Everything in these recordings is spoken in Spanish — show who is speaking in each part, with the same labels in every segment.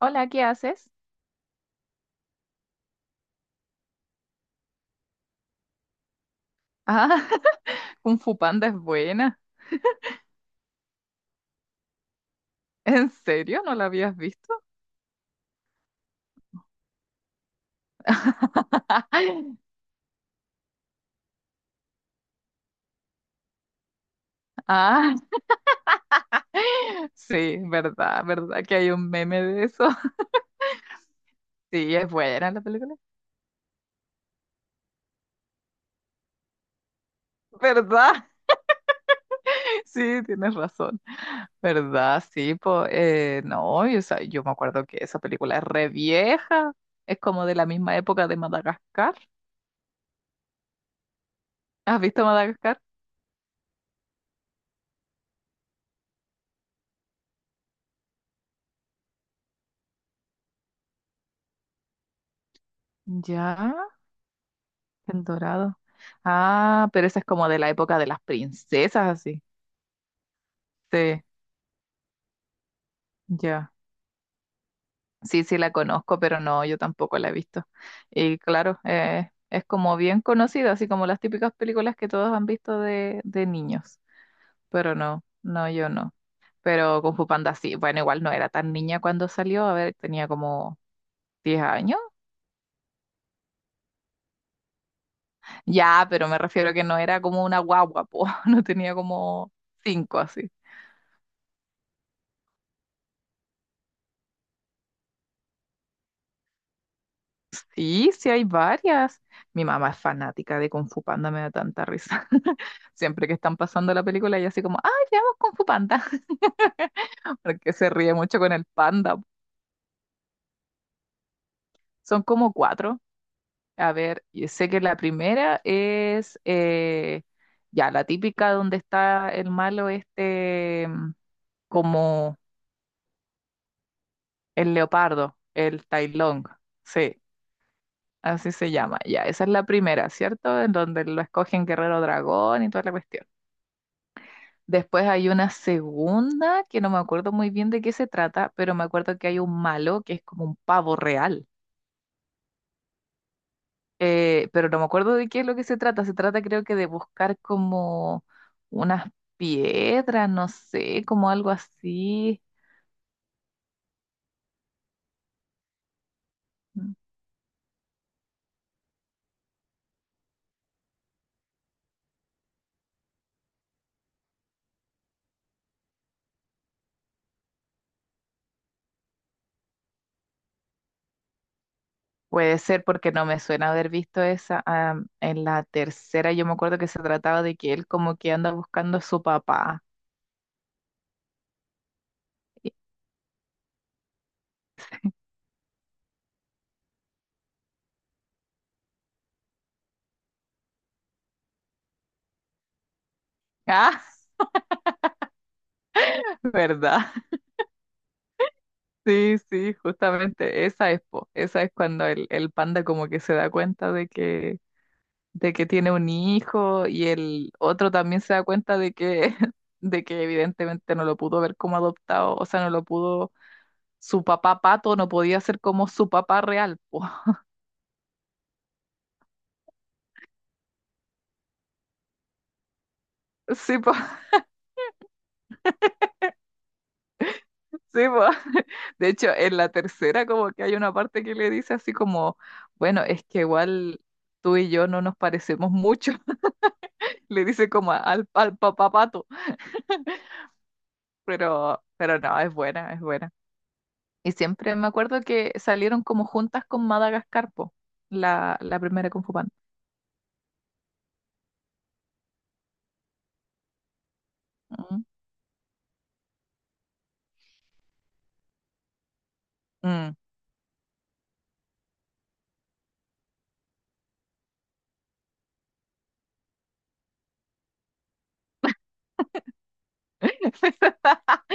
Speaker 1: Hola, ¿qué haces? Ah, Kung Fu Panda es buena. ¿En serio? ¿No la habías visto? Ah, sí, verdad, que hay un meme de eso. Sí, es buena la película. ¿Verdad? Sí, tienes razón. ¿Verdad? Sí, pues, no, y, o sea, yo me acuerdo que esa película es re vieja. Es como de la misma época de Madagascar. ¿Has visto Madagascar? Ya, El Dorado. Ah, pero esa es como de la época de las princesas, así. Sí, ya. Sí, sí la conozco, pero no, yo tampoco la he visto. Y claro, es como bien conocida, así como las típicas películas que todos han visto de niños. Pero no, no, yo no. Pero Kung Fu Panda sí, bueno, igual no era tan niña cuando salió, a ver, tenía como 10 años. Ya, pero me refiero que no era como una guagua, po. No tenía como 5 así. Sí, sí hay varias. Mi mamá es fanática de Kung Fu Panda, me da tanta risa. Siempre que están pasando la película, ella así como, ¡ay, veamos Kung Fu Panda! Porque se ríe mucho con el panda. Son como cuatro. A ver, yo sé que la primera es ya la típica donde está el malo este, como el leopardo, el Tai Lung. Sí, así se llama. Ya, esa es la primera, ¿cierto? En donde lo escogen guerrero dragón y toda la cuestión. Después hay una segunda que no me acuerdo muy bien de qué se trata, pero me acuerdo que hay un malo que es como un pavo real. Pero no me acuerdo de qué es lo que se trata. Se trata creo que de buscar como unas piedras, no sé, como algo así. Mm. Puede ser porque no me suena haber visto esa. Ah, en la tercera yo me acuerdo que se trataba de que él como que anda buscando a su papá. Y- Ah, ¿verdad? Sí, sí, justamente esa es, po, esa es cuando el panda como que se da cuenta de que tiene un hijo y el otro también se da cuenta de que, de que evidentemente no lo pudo ver como adoptado, o sea, no lo pudo, su papá pato no podía ser como su papá real, po. Sí, po, sí, po. De hecho, en la tercera como que hay una parte que le dice así como, bueno, es que igual tú y yo no nos parecemos mucho, le dice como al papá pato. Pero no, es buena, es buena. Y siempre me acuerdo que salieron como juntas con Madagascar, po, la primera Kung Fu Panda. Mm. Mm.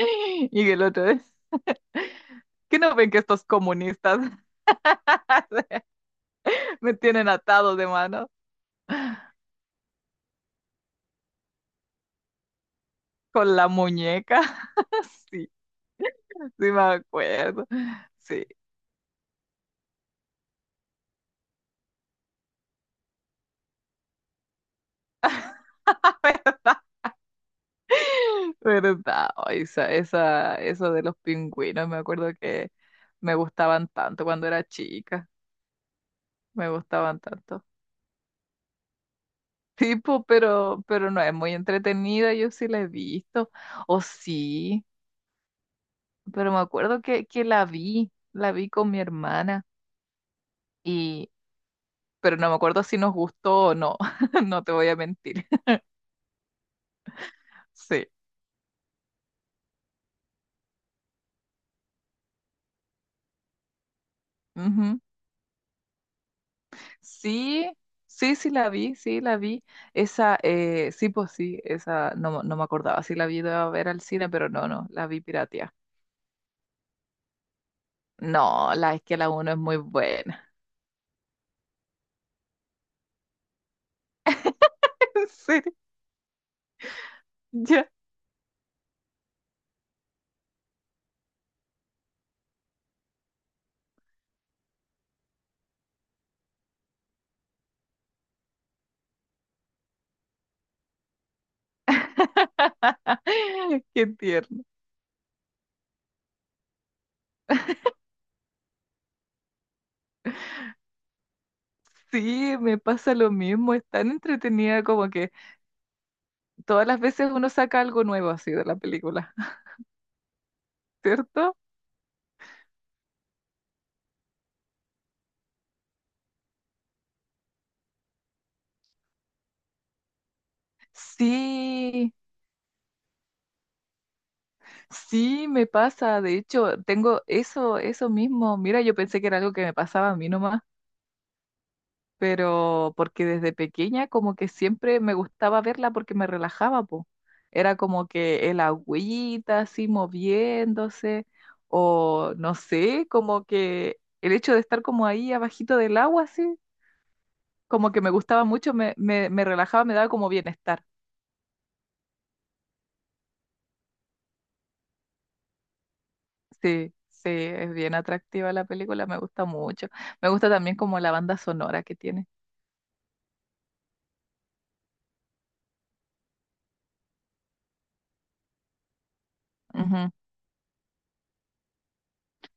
Speaker 1: Y el otro es, ¿qué no ven que estos comunistas me tienen atado de mano con la muñeca? Sí, sí me acuerdo. Sí, verdad. Oh, esa, eso de los pingüinos, me acuerdo que me gustaban tanto cuando era chica. Me gustaban tanto. Tipo, pero no es muy entretenida, yo sí la he visto, o sí, pero me acuerdo que la vi con mi hermana, y, pero no me acuerdo si nos gustó o no, no te voy a mentir. Sí, ujú. Sí, sí, sí la vi, esa, sí, pues sí, esa, no, no me acordaba si la vi de a ver al cine, pero no, no, la vi piratea. No, la es que la uno es muy buena. ¿En serio? Ya. Qué tierno. Sí, me pasa lo mismo, es tan entretenida como que todas las veces uno saca algo nuevo así de la película, ¿cierto? Sí, sí, me pasa, de hecho, tengo eso, eso mismo, mira, yo pensé que era algo que me pasaba a mí nomás, pero porque desde pequeña como que siempre me gustaba verla porque me relajaba, po. Era como que el agüita así moviéndose, o no sé, como que el hecho de estar como ahí abajito del agua, así como que me gustaba mucho, me relajaba, me daba como bienestar. Sí, sí, es bien atractiva la película, me gusta mucho. Me gusta también como la banda sonora que tiene. Ujú.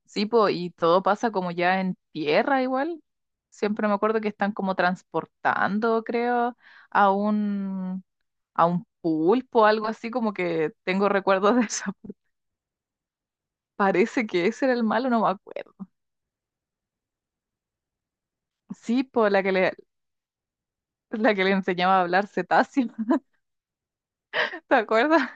Speaker 1: Sí, po, y todo pasa como ya en tierra igual. Siempre me acuerdo que están como transportando, creo, a un, a un pulpo, algo así, como que tengo recuerdos de eso. Parece que ese era el malo, no me acuerdo. Sí, po, la que le enseñaba a hablar cetáceo, ¿te acuerdas?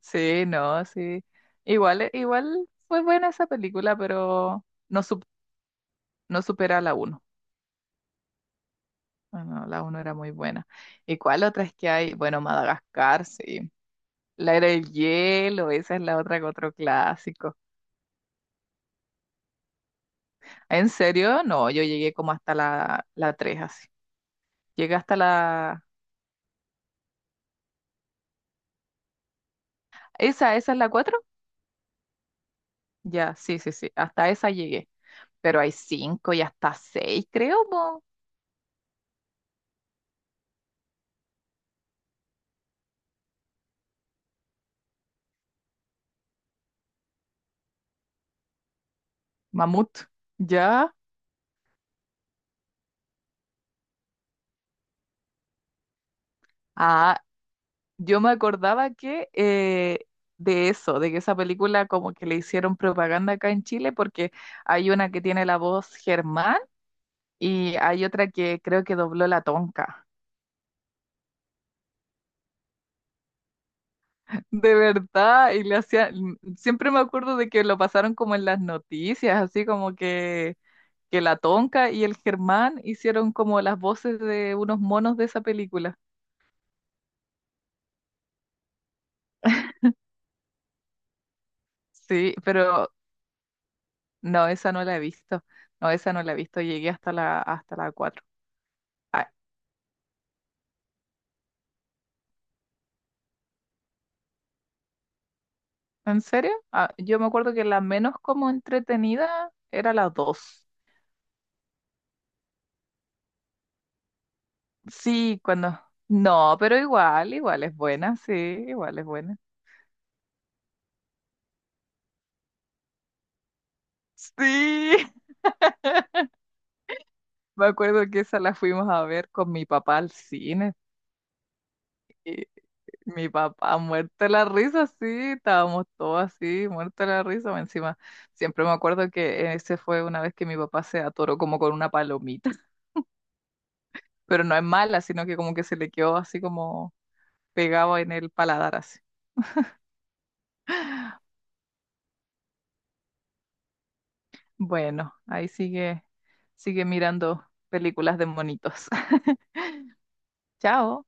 Speaker 1: Sí, no, sí. Igual, igual fue buena esa película, pero no, no supera a la uno. Bueno, la uno era muy buena. ¿Y cuál otra es que hay? Bueno, Madagascar, sí. La era del hielo, esa es la otra, otro clásico. ¿En serio? No, yo llegué como hasta la 3 así. Llegué hasta la... ¿Esa, esa es la 4. Ya, sí, sí, sí. Hasta esa llegué. Pero hay 5 y hasta seis, creo, po. Mamut. ¿Ya? Ah, yo me acordaba que de eso, de que esa película como que le hicieron propaganda acá en Chile, porque hay una que tiene la voz Germán y hay otra que creo que dobló la Tonka. De verdad, y le hacían, siempre me acuerdo de que lo pasaron como en las noticias, así como que la Tonka y el Germán hicieron como las voces de unos monos de esa película. Sí, pero no, esa no la he visto. No, esa no la he visto. Llegué hasta hasta la 4. ¿En serio? Ah, yo me acuerdo que la menos como entretenida era la 2. Sí, cuando... No, pero igual, igual es buena, sí, igual es buena. Sí, me acuerdo que esa la fuimos a ver con mi papá al cine. Y mi papá muerto de la risa, sí, estábamos todos así, muerto de la risa. Más encima, siempre me acuerdo que ese fue una vez que mi papá se atoró como con una palomita, pero no es mala, sino que como que se le quedó así como pegado en el paladar así. Bueno, ahí sigue, sigue mirando películas de monitos. Chao.